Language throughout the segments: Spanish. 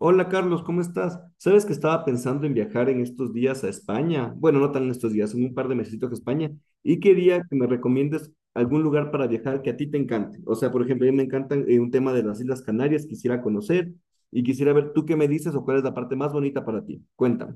Hola, Carlos, ¿cómo estás? Sabes que estaba pensando en viajar en estos días a España. Bueno, no tan en estos días, en un par de mesecitos a España. Y quería que me recomiendes algún lugar para viajar que a ti te encante. O sea, por ejemplo, a mí me encantan un tema de las Islas Canarias, quisiera conocer y quisiera ver tú qué me dices o cuál es la parte más bonita para ti. Cuéntame.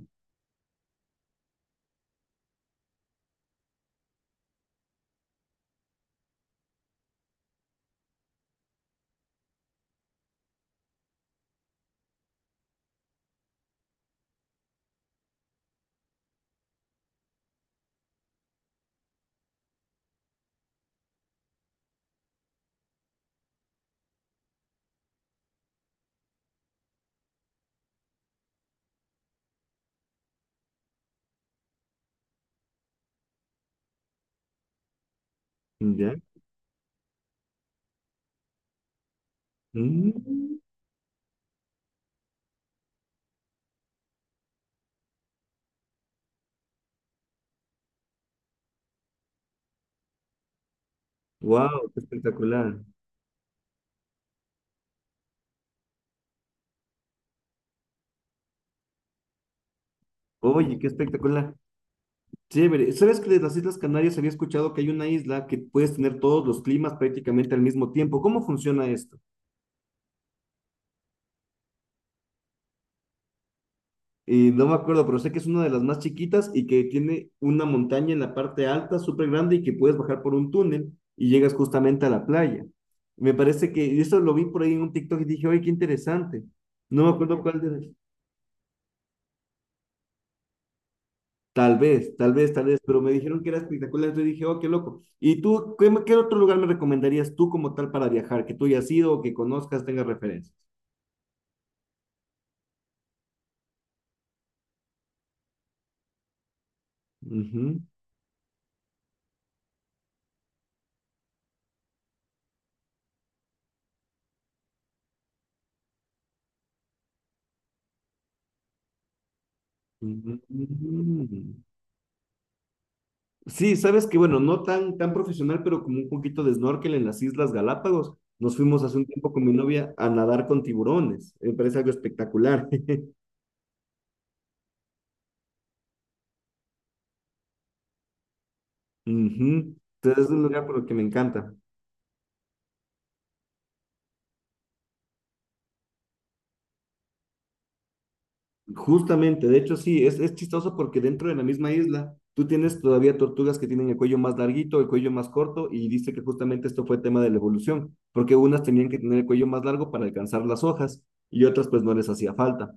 ¿Ya? Wow, qué espectacular. Oye, qué espectacular. Chévere. ¿Sabes que de las Islas Canarias había escuchado que hay una isla que puedes tener todos los climas prácticamente al mismo tiempo? ¿Cómo funciona esto? Y no me acuerdo, pero sé que es una de las más chiquitas y que tiene una montaña en la parte alta, súper grande, y que puedes bajar por un túnel y llegas justamente a la playa. Me parece que y eso lo vi por ahí en un TikTok y dije, oye, qué interesante. No me acuerdo cuál de. Tal vez, tal vez, tal vez, pero me dijeron que era espectacular, entonces dije, oh, qué loco. ¿Y tú, qué otro lugar me recomendarías tú como tal para viajar, que tú hayas ido o que conozcas, tengas referencias? Ujú, ujú, ujú. Sí, sabes que, bueno, no tan, tan profesional, pero como un poquito de snorkel en las Islas Galápagos. Nos fuimos hace un tiempo con mi novia a nadar con tiburones. Me parece algo espectacular. Ujú. Entonces es un lugar por el que me encanta. Justamente, de hecho sí, es chistoso porque dentro de la misma isla tú tienes todavía tortugas que tienen el cuello más larguito, el cuello más corto y dice que justamente esto fue tema de la evolución, porque unas tenían que tener el cuello más largo para alcanzar las hojas y otras pues no les hacía falta.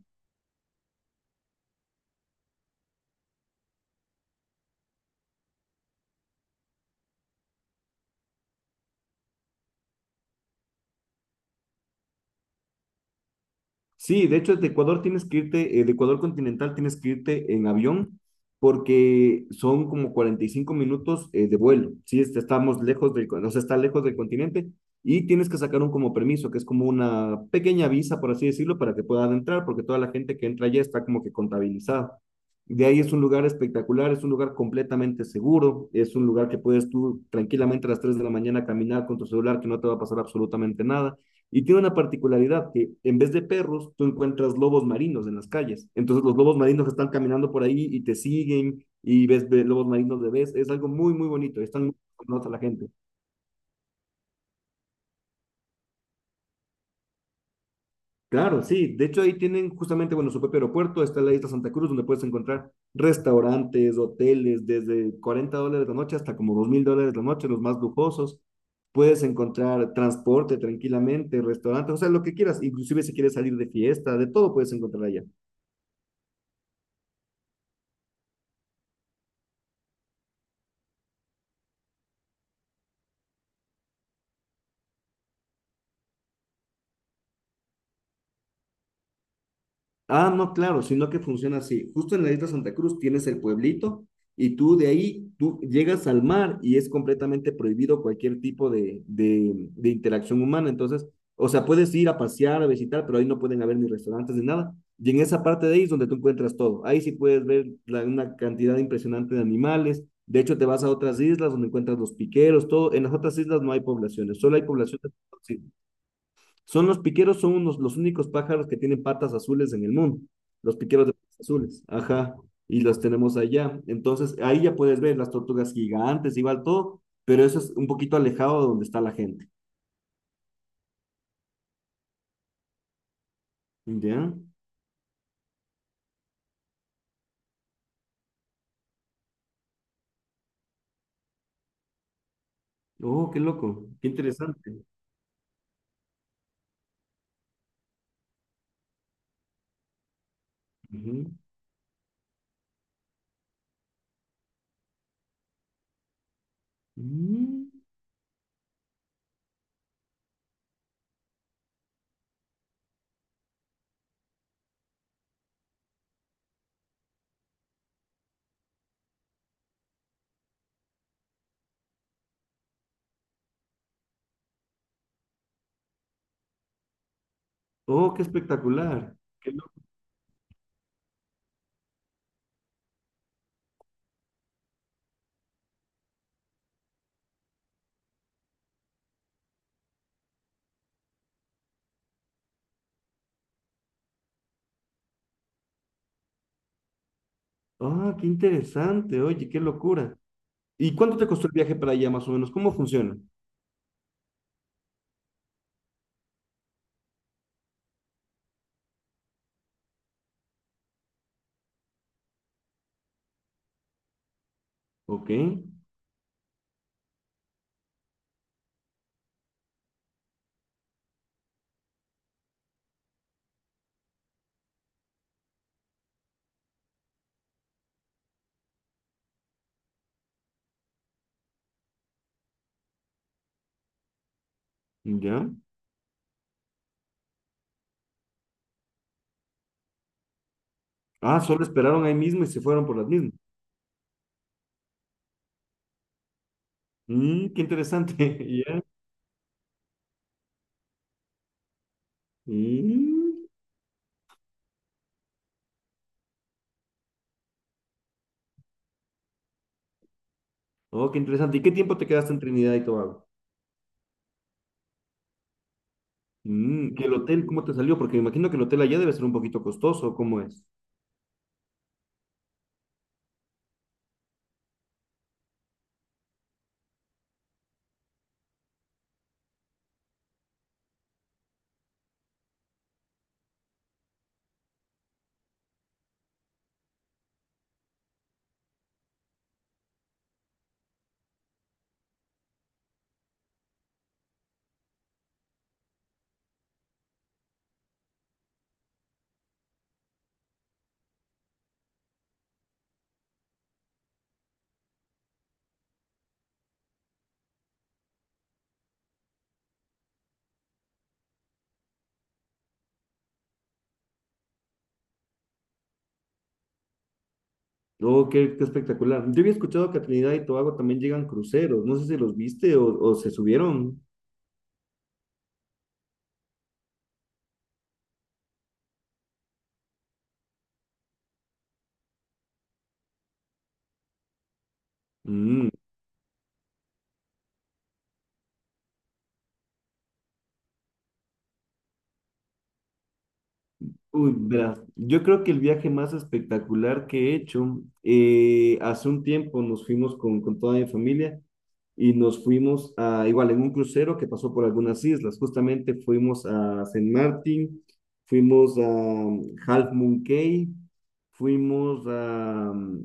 Sí, de hecho, de Ecuador tienes que irte, de Ecuador continental tienes que irte en avión porque son como 45 minutos de vuelo. Sí, este, estamos lejos del, o sea, está lejos del continente y tienes que sacar un como permiso, que es como una pequeña visa, por así decirlo, para que puedan entrar, porque toda la gente que entra allá está como que contabilizada. De ahí es un lugar espectacular, es un lugar completamente seguro, es un lugar que puedes tú tranquilamente a las 3 de la mañana caminar con tu celular, que no te va a pasar absolutamente nada. Y tiene una particularidad que en vez de perros, tú encuentras lobos marinos en las calles. Entonces los lobos marinos están caminando por ahí y te siguen y lobos marinos de vez. Es algo muy, muy bonito. Están muy acostumbrados a la gente. Claro, sí. De hecho, ahí tienen justamente, bueno, su propio aeropuerto. Está en la isla Santa Cruz, donde puedes encontrar restaurantes, hoteles, desde 40 dólares la noche hasta como 2.000 dólares la noche, los más lujosos. Puedes encontrar transporte tranquilamente, restaurantes, o sea, lo que quieras. Inclusive si quieres salir de fiesta, de todo puedes encontrar allá. Ah, no, claro, sino que funciona así. Justo en la isla Santa Cruz tienes el pueblito y tú de ahí, tú llegas al mar y es completamente prohibido cualquier tipo de interacción humana. Entonces, o sea, puedes ir a pasear, a visitar, pero ahí no pueden haber ni restaurantes ni nada. Y en esa parte de ahí es donde tú encuentras todo. Ahí sí puedes ver una cantidad impresionante de animales. De hecho, te vas a otras islas donde encuentras los piqueros, todo. En las otras islas no hay poblaciones, solo hay poblaciones. Son los piqueros, son unos, los únicos pájaros que tienen patas azules en el mundo. Los piqueros de patas azules. Ajá. Y los tenemos allá. Entonces, ahí ya puedes ver las tortugas gigantes, igual todo, pero eso es un poquito alejado de donde está la gente. ¿Ya? Oh, qué loco. Qué interesante. Ujú. Mm. Oh, qué espectacular. Ah, qué interesante. Oye, qué locura. ¿Y cuánto te costó el viaje para allá, más o menos? ¿Cómo funciona? Ok. Ya. Ah, solo esperaron ahí mismo y se fueron por las mismas. Mm, qué interesante. Ya. Mm. Oh, qué interesante. ¿Y qué tiempo te quedaste en Trinidad y Tobago? Mm, ¿y el hotel cómo te salió? Porque me imagino que el hotel allá debe ser un poquito costoso. ¿Cómo es? Oh, qué, qué espectacular. Yo había escuchado que a Trinidad y Tobago también llegan cruceros. No sé si los viste o se subieron. Mm. Uy, verás, yo creo que el viaje más espectacular que he hecho, hace un tiempo nos fuimos con toda mi familia y nos fuimos a, igual en un crucero que pasó por algunas islas, justamente fuimos a Saint Martin, fuimos a Half Moon Cay, fuimos a mm,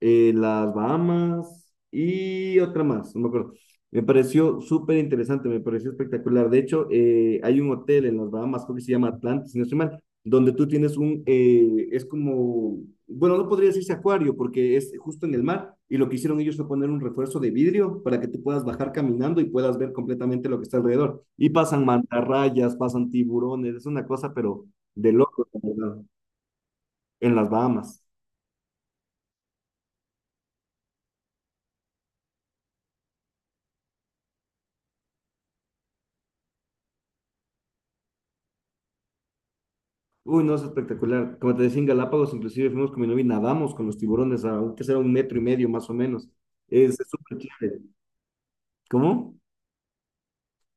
eh, las Bahamas y otra más, no me acuerdo. Me pareció súper interesante, me pareció espectacular. De hecho, hay un hotel en las Bahamas, creo que se llama Atlantis, si no estoy mal, donde tú tienes un, es como, bueno, no podría decirse acuario porque es justo en el mar y lo que hicieron ellos fue poner un refuerzo de vidrio para que tú puedas bajar caminando y puedas ver completamente lo que está alrededor. Y pasan mantarrayas, pasan tiburones, es una cosa, pero de loco, la verdad, en las Bahamas. Uy, no, es espectacular. Como te decía, en Galápagos inclusive fuimos con mi novia y nadamos con los tiburones, aunque será un metro y medio más o menos. Es súper chévere. ¿Cómo?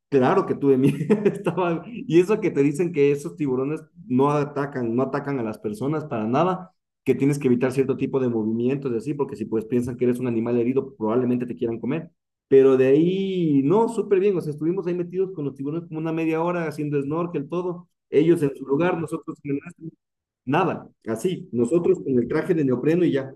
Claro que tuve miedo, estaba, y eso que te dicen que esos tiburones no atacan, no atacan a las personas para nada, que tienes que evitar cierto tipo de movimientos y así, porque si pues piensan que eres un animal herido, probablemente te quieran comer. Pero de ahí, no, súper bien, o sea, estuvimos ahí metidos con los tiburones como una media hora haciendo snorkel, todo, ellos en su lugar, nosotros en el nuestro, nada, así, nosotros con el traje de neopreno y ya.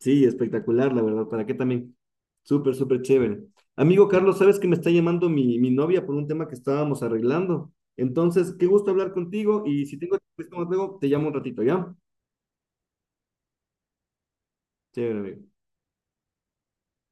Sí, espectacular, la verdad. ¿Para qué también? Súper, súper chévere. Amigo Carlos, sabes que me está llamando mi novia por un tema que estábamos arreglando. Entonces, qué gusto hablar contigo y si tengo tiempo luego, te llamo un ratito, ¿ya? Chévere, amigo.